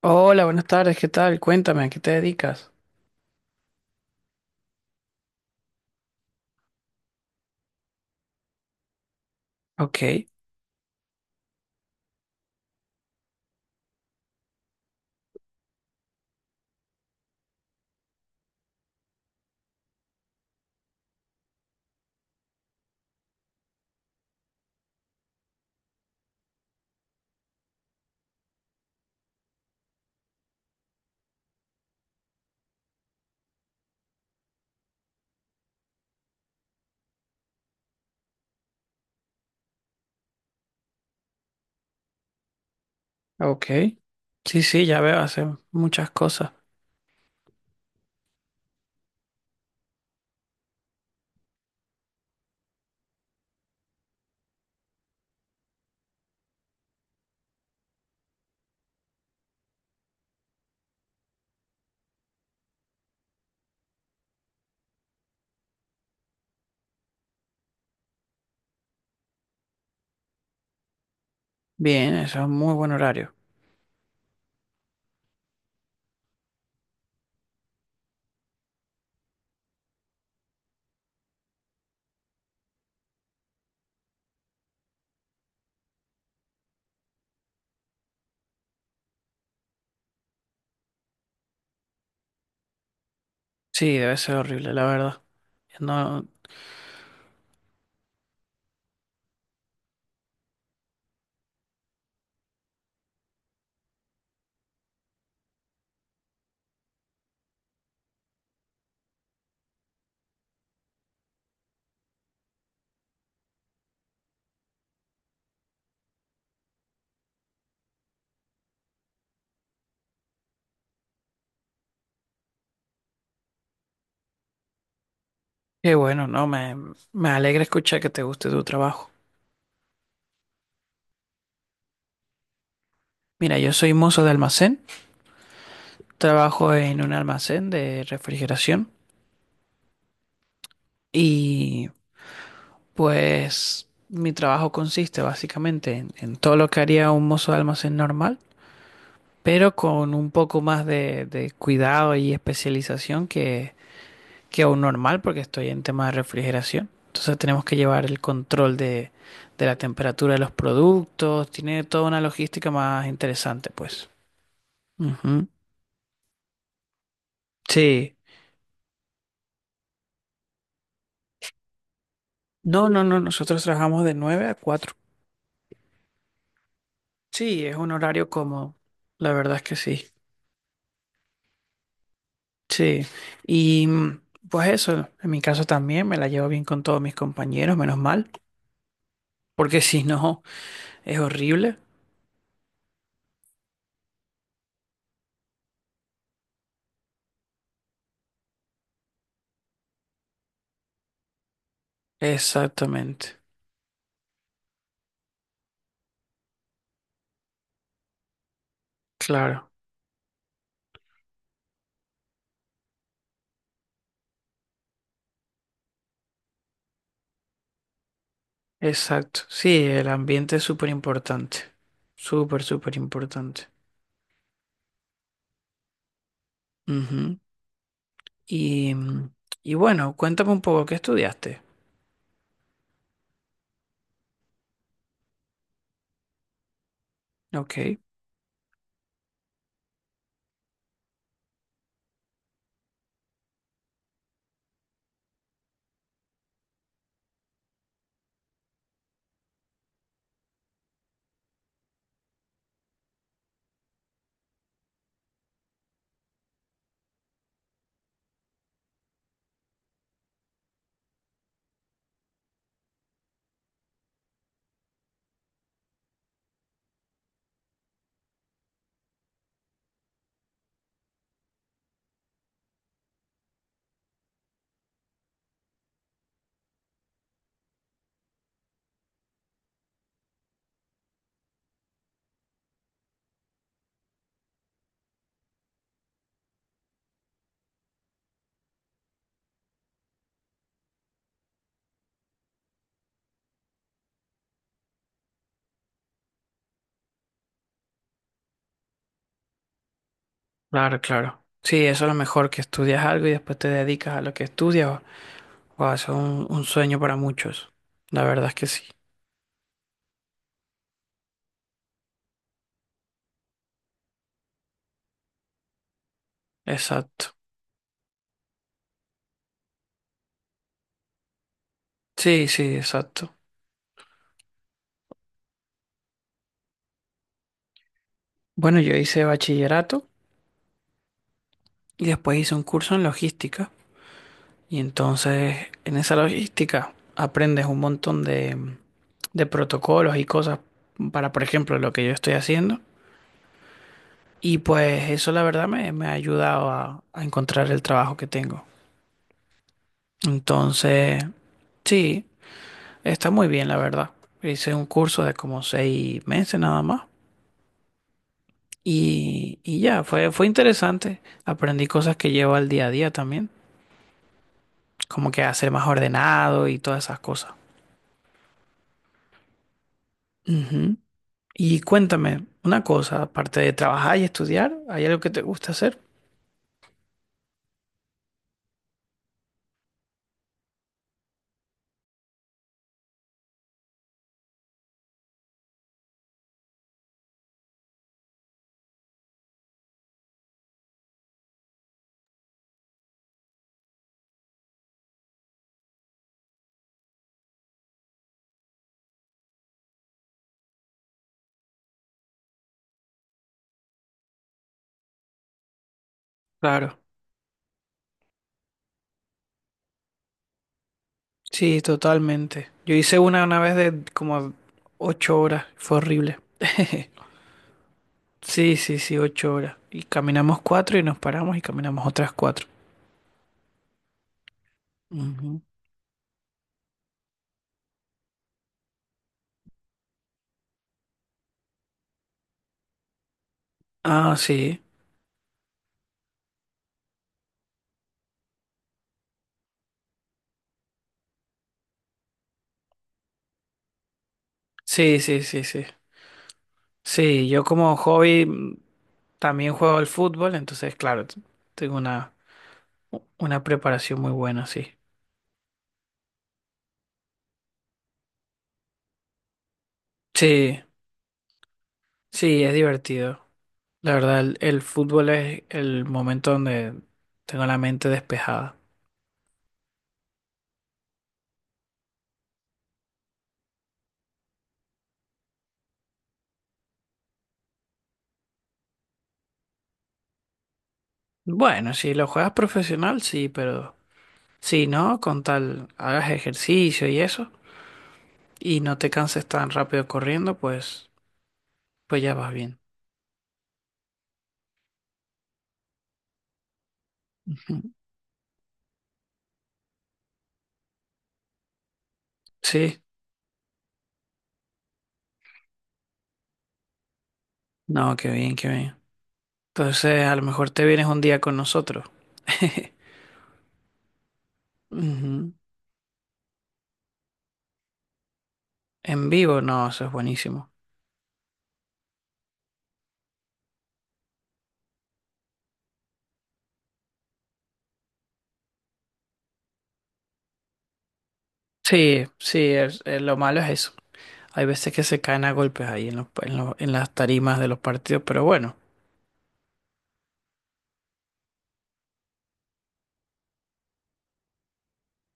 Hola, buenas tardes, ¿qué tal? Cuéntame, ¿a qué te dedicas? Ok, ok. Sí, sí, ya veo, hace muchas cosas. Bien, eso es un muy buen horario. Sí, debe ser horrible, la verdad. No, qué bueno, no, me alegra escuchar que te guste tu trabajo. Mira, yo soy mozo de almacén, trabajo en un almacén de refrigeración y pues mi trabajo consiste básicamente en todo lo que haría un mozo de almacén normal pero con un poco más de cuidado y especialización que un normal, porque estoy en temas de refrigeración. Entonces tenemos que llevar el control de la temperatura de los productos, tiene toda una logística más interesante, pues. Ujú. Sí. No, nosotros trabajamos de 9 a cuatro. Sí, es un horario cómodo, la verdad es que sí. Sí, y pues eso, en mi caso también me la llevo bien con todos mis compañeros, menos mal, porque si no es horrible. Exactamente, claro, exacto. Sí, el ambiente es súper importante, súper, súper importante. Ujú. Y, y bueno, cuéntame un poco, ¿qué estudiaste? Ok, claro, claro. Sí, eso es lo mejor, que estudias algo y después te dedicas a lo que estudias. Wow, eso es un sueño para muchos. La verdad es que sí, exacto. Sí, sí, exacto. Bueno, yo hice bachillerato y después hice un curso en logística. Y entonces en esa logística aprendes un montón de protocolos y cosas para, por ejemplo, lo que yo estoy haciendo. Y pues eso la verdad me ha ayudado a encontrar el trabajo que tengo. Entonces, sí, está muy bien la verdad. Hice un curso de como seis meses nada más. Y ya, fue interesante. Aprendí cosas que llevo al día a día también, como que a ser más ordenado y todas esas cosas. Ujú. Y cuéntame una cosa, aparte de trabajar y estudiar, ¿hay algo que te gusta hacer? Claro, sí, totalmente. Yo hice una vez de como ocho horas, fue horrible. Sí, sí, sí, ocho horas. Y caminamos cuatro y nos paramos y caminamos otras cuatro. Ujú. Ah, sí, sí, sí, sí, sí. Sí, yo como hobby también juego al fútbol, entonces, claro, tengo una preparación muy buena, sí. Sí, sí, es divertido. La verdad, el fútbol es el momento donde tengo la mente despejada. Bueno, si lo juegas profesional, sí, pero si no, con tal hagas ejercicio y eso, y no te canses tan rápido corriendo, pues, pues ya vas bien. Ujú. Sí, no, qué bien, qué bien. Entonces, a lo mejor te vienes un día con nosotros. Ujú. En vivo, no, eso es buenísimo. Sí, sí, lo malo es eso. Hay veces que se caen a golpes ahí en los, en las tarimas de los partidos, pero bueno.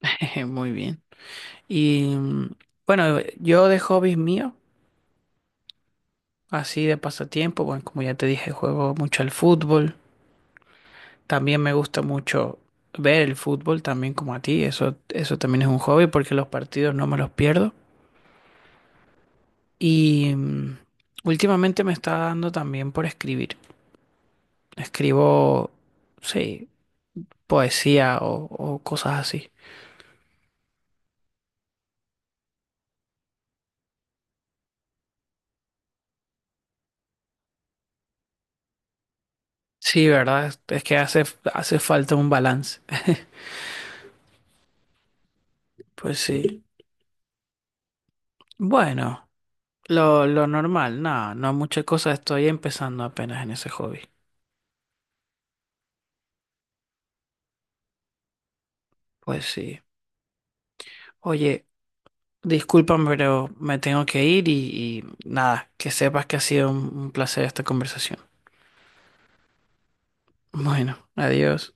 Jeje, muy bien. Y bueno, yo de hobbies míos, así de pasatiempo, bueno, como ya te dije, juego mucho al fútbol. También me gusta mucho ver el fútbol, también como a ti. Eso también es un hobby porque los partidos no me los pierdo. Y últimamente me está dando también por escribir. Escribo, sí, poesía o cosas así. Sí, ¿verdad? Es que hace, hace falta un balance. Pues sí. Bueno. Lo normal, nada, no muchas cosas, estoy empezando apenas en ese hobby. Pues sí. Oye, discúlpame, pero me tengo que ir y nada, que sepas que ha sido un placer esta conversación. Bueno, adiós.